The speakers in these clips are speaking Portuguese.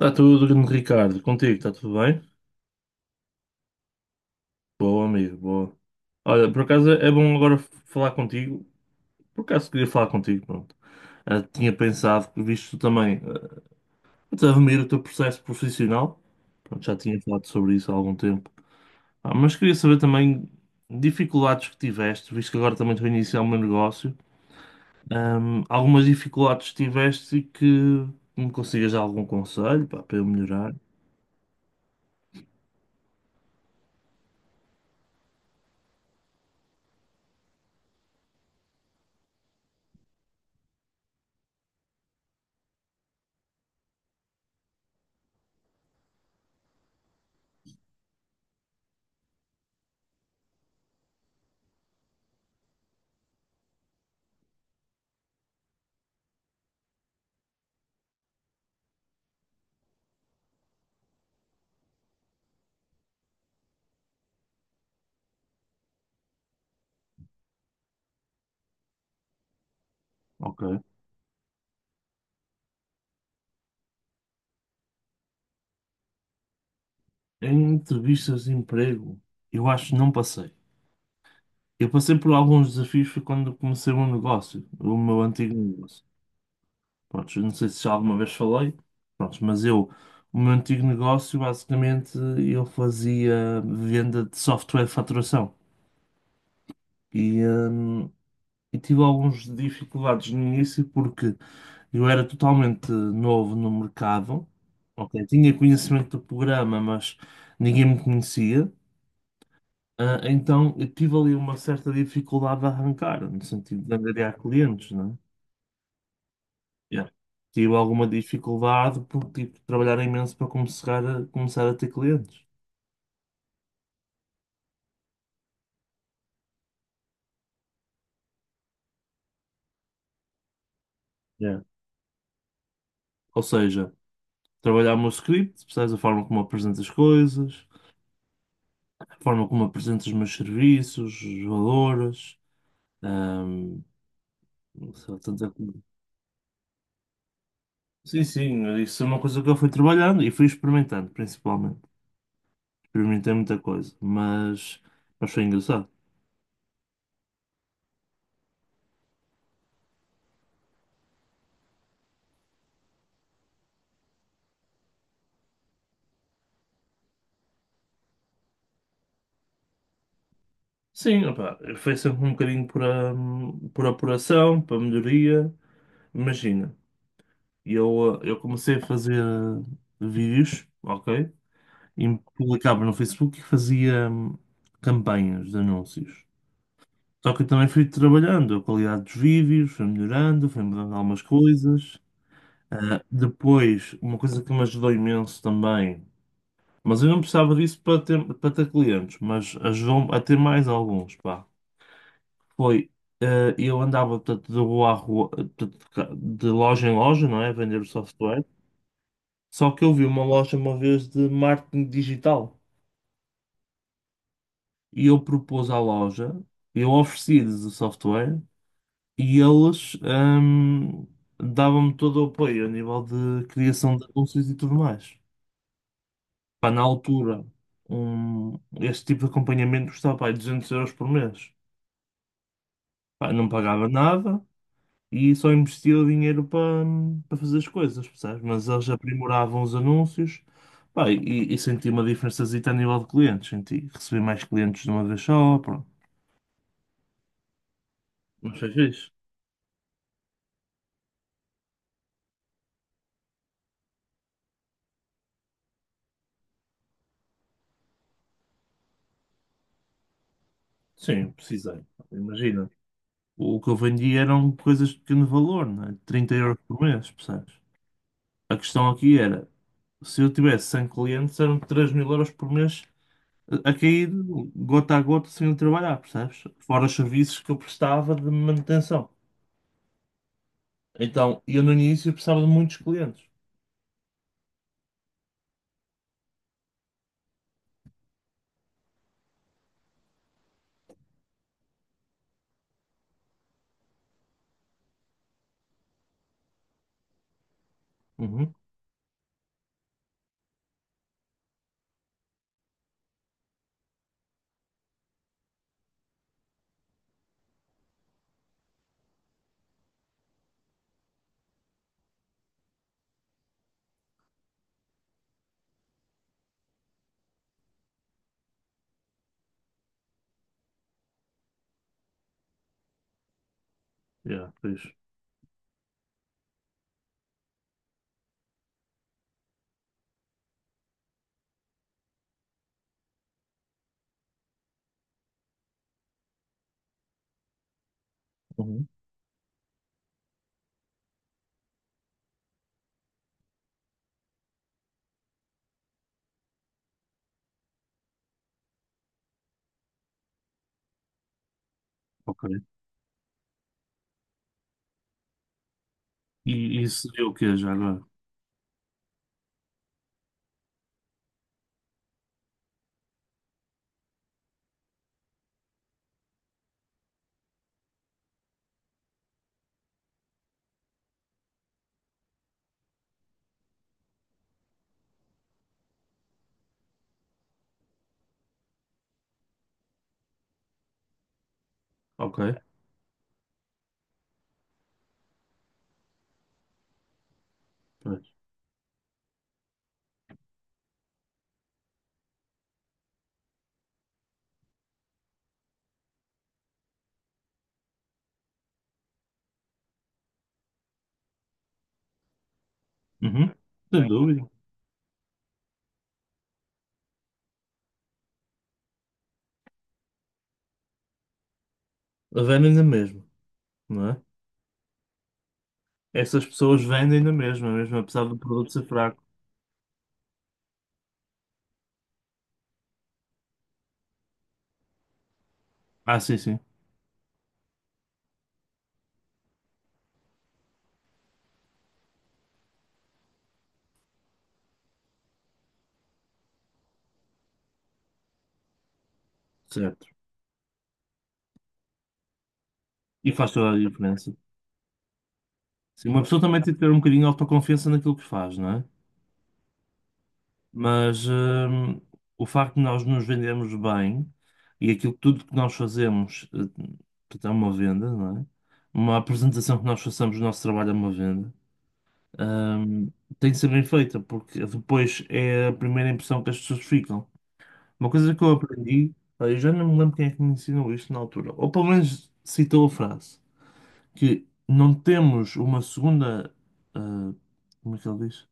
Está tudo, grande Ricardo. Contigo, está tudo bem? Boa, amigo, boa. Olha, por acaso é bom agora falar contigo. Por acaso queria falar contigo, pronto. Ah, tinha pensado que visto tu também a ver o teu processo profissional. Pronto, já tinha falado sobre isso há algum tempo. Ah, mas queria saber também dificuldades que tiveste, visto que agora também estou a iniciar o meu negócio. Algumas dificuldades que tiveste e que me consigas dar algum conselho pá, para eu melhorar. Ok. Em entrevistas de emprego, eu acho que não passei. Eu passei por alguns desafios foi quando comecei um negócio, o meu antigo negócio. Pronto, eu não sei se já alguma vez falei, pronto, mas eu, o meu antigo negócio, basicamente, eu fazia venda de software de faturação. E, hum, e tive algumas dificuldades no início porque eu era totalmente novo no mercado, ok? Tinha conhecimento do programa, mas ninguém me conhecia. Ah, então eu tive ali uma certa dificuldade de arrancar, no sentido de angariar clientes, né? Yeah. Tive alguma dificuldade por tipo, trabalhar imenso para começar a ter clientes. Yeah. Ou seja, trabalhar o meu script, percebes a forma como apresento as coisas, a forma como apresento os meus serviços, os valores, ahm, não sei, lá, tanta coisa. Sim, sim, isso é uma coisa que eu fui trabalhando e fui experimentando, principalmente. Experimentei muita coisa, mas foi engraçado. Sim, opá, foi sempre um bocadinho por apuração, para melhoria. Imagina, eu, eu comecei a fazer vídeos, ok? E publicava no Facebook e fazia campanhas de anúncios. Só que eu também fui trabalhando, a qualidade dos vídeos foi melhorando, foi mudando algumas coisas. Ah, depois, uma coisa que me ajudou imenso também, mas eu não precisava disso para ter clientes, mas ajudou-me a ter mais alguns, pá. Foi, eu andava portanto, de rua a rua, portanto, de loja em loja, não é? A vender o software. Só que eu vi uma loja uma vez de marketing digital e eu propus à loja, eu ofereci-lhes o software e eles davam-me todo o apoio a nível de criação de anúncios e tudo mais. Pá, na altura, este tipo de acompanhamento custava pá, 200 euros por mês. Pá, não pagava nada. E só investia o dinheiro para fazer as coisas, percebes? Mas eles aprimoravam os anúncios, pá, e senti uma diferençazita a nível de clientes, senti, recebi mais clientes de uma vez só, pronto, mas foi fixe. Sim, precisei, imagina. O que eu vendia eram coisas de pequeno valor, né? 30 euros por mês, percebes? A questão aqui era, se eu tivesse 100 clientes, eram 3.000 euros por mês a cair gota a gota sem eu trabalhar, percebes? Fora os serviços que eu prestava de manutenção. Então, eu no início precisava de muitos clientes. Uhum. Yeah, pois. Uhum. Ok. E isso seria o que já agora? Ok, pois. Uhum. Sem dúvida. Vendem na mesma, não é? Essas pessoas vendem na mesma, mesmo apesar do produto ser fraco. Ah, sim, sim. Certo. E faz toda a diferença. Sim, uma pessoa também tem que ter um bocadinho de autoconfiança naquilo que faz, não é? Mas o facto de nós nos vendermos bem e aquilo que tudo que nós fazemos, portanto, é uma venda, não é? Uma apresentação que nós façamos do nosso trabalho é uma venda, hum, tem de ser bem feita, porque depois é a primeira impressão que as pessoas ficam. Uma coisa que eu aprendi, pá, eu já não me lembro quem é que me ensinou isto na altura, ou pelo menos citou a frase, que não temos uma segunda. ah, Como é que ele diz?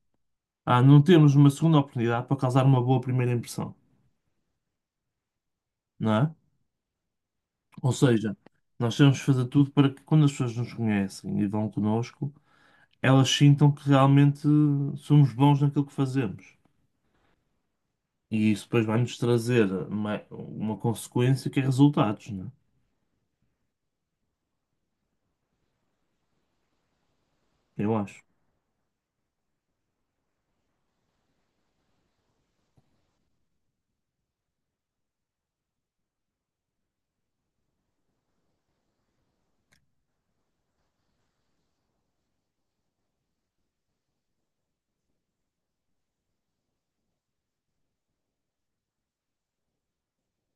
Ah, não temos uma segunda oportunidade para causar uma boa primeira impressão. Não é? Ou seja, nós temos que fazer tudo para que quando as pessoas nos conhecem e vão connosco, elas sintam que realmente somos bons naquilo que fazemos. E isso depois vai-nos trazer uma consequência que é resultados, não é? Eu acho.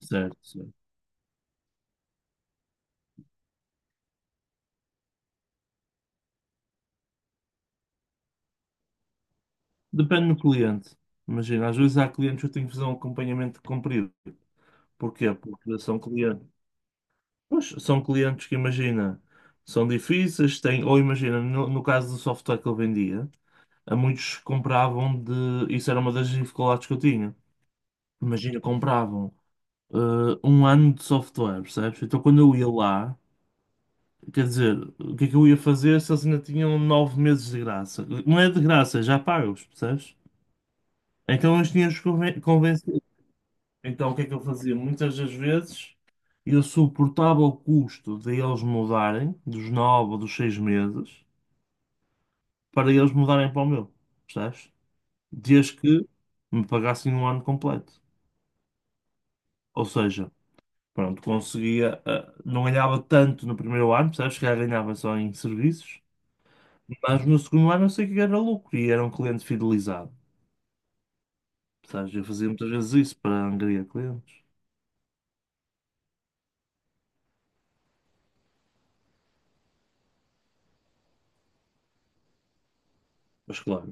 Certo, certo. Depende do cliente. Imagina, às vezes há clientes que eu tenho que fazer um acompanhamento comprido. Porquê? Porque são clientes. Pois, são clientes que, imagina, são difíceis, têm, ou imagina, no caso do software que eu vendia. A muitos compravam de. Isso era uma das dificuldades que eu tinha. Imagina, compravam eh, um ano de software, percebes? Então quando eu ia lá, quer dizer, o que é que eu ia fazer se eles ainda tinham 9 meses de graça? Não é de graça, é já pagos, percebes? Então eles tinham-os convencido. Então o que é que eu fazia? Muitas das vezes eu suportava o custo de eles mudarem, dos 9 ou dos 6 meses, para eles mudarem para o meu, percebes? Desde que me pagassem um ano completo. Ou seja, pronto, conseguia, ah, não ganhava tanto no primeiro ano, percebes? Se calhar ganhava só em serviços, mas no segundo ano eu sei que era lucro e era um cliente fidelizado, percebes? Eu fazia muitas vezes isso para angariar clientes. Mas claro,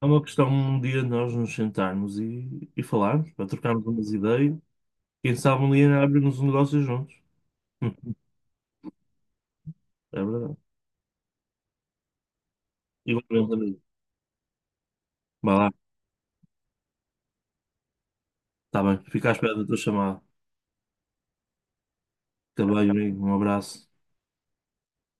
é uma questão um dia nós nos sentarmos e falarmos, para trocarmos umas ideias. Quem sabe um dia abrirmos um negócio juntos. Hum. É verdade. Igualmente, amigo. Vai lá, está bem. Fica à espera da tua chamada. Fica bem, amigo. Um abraço.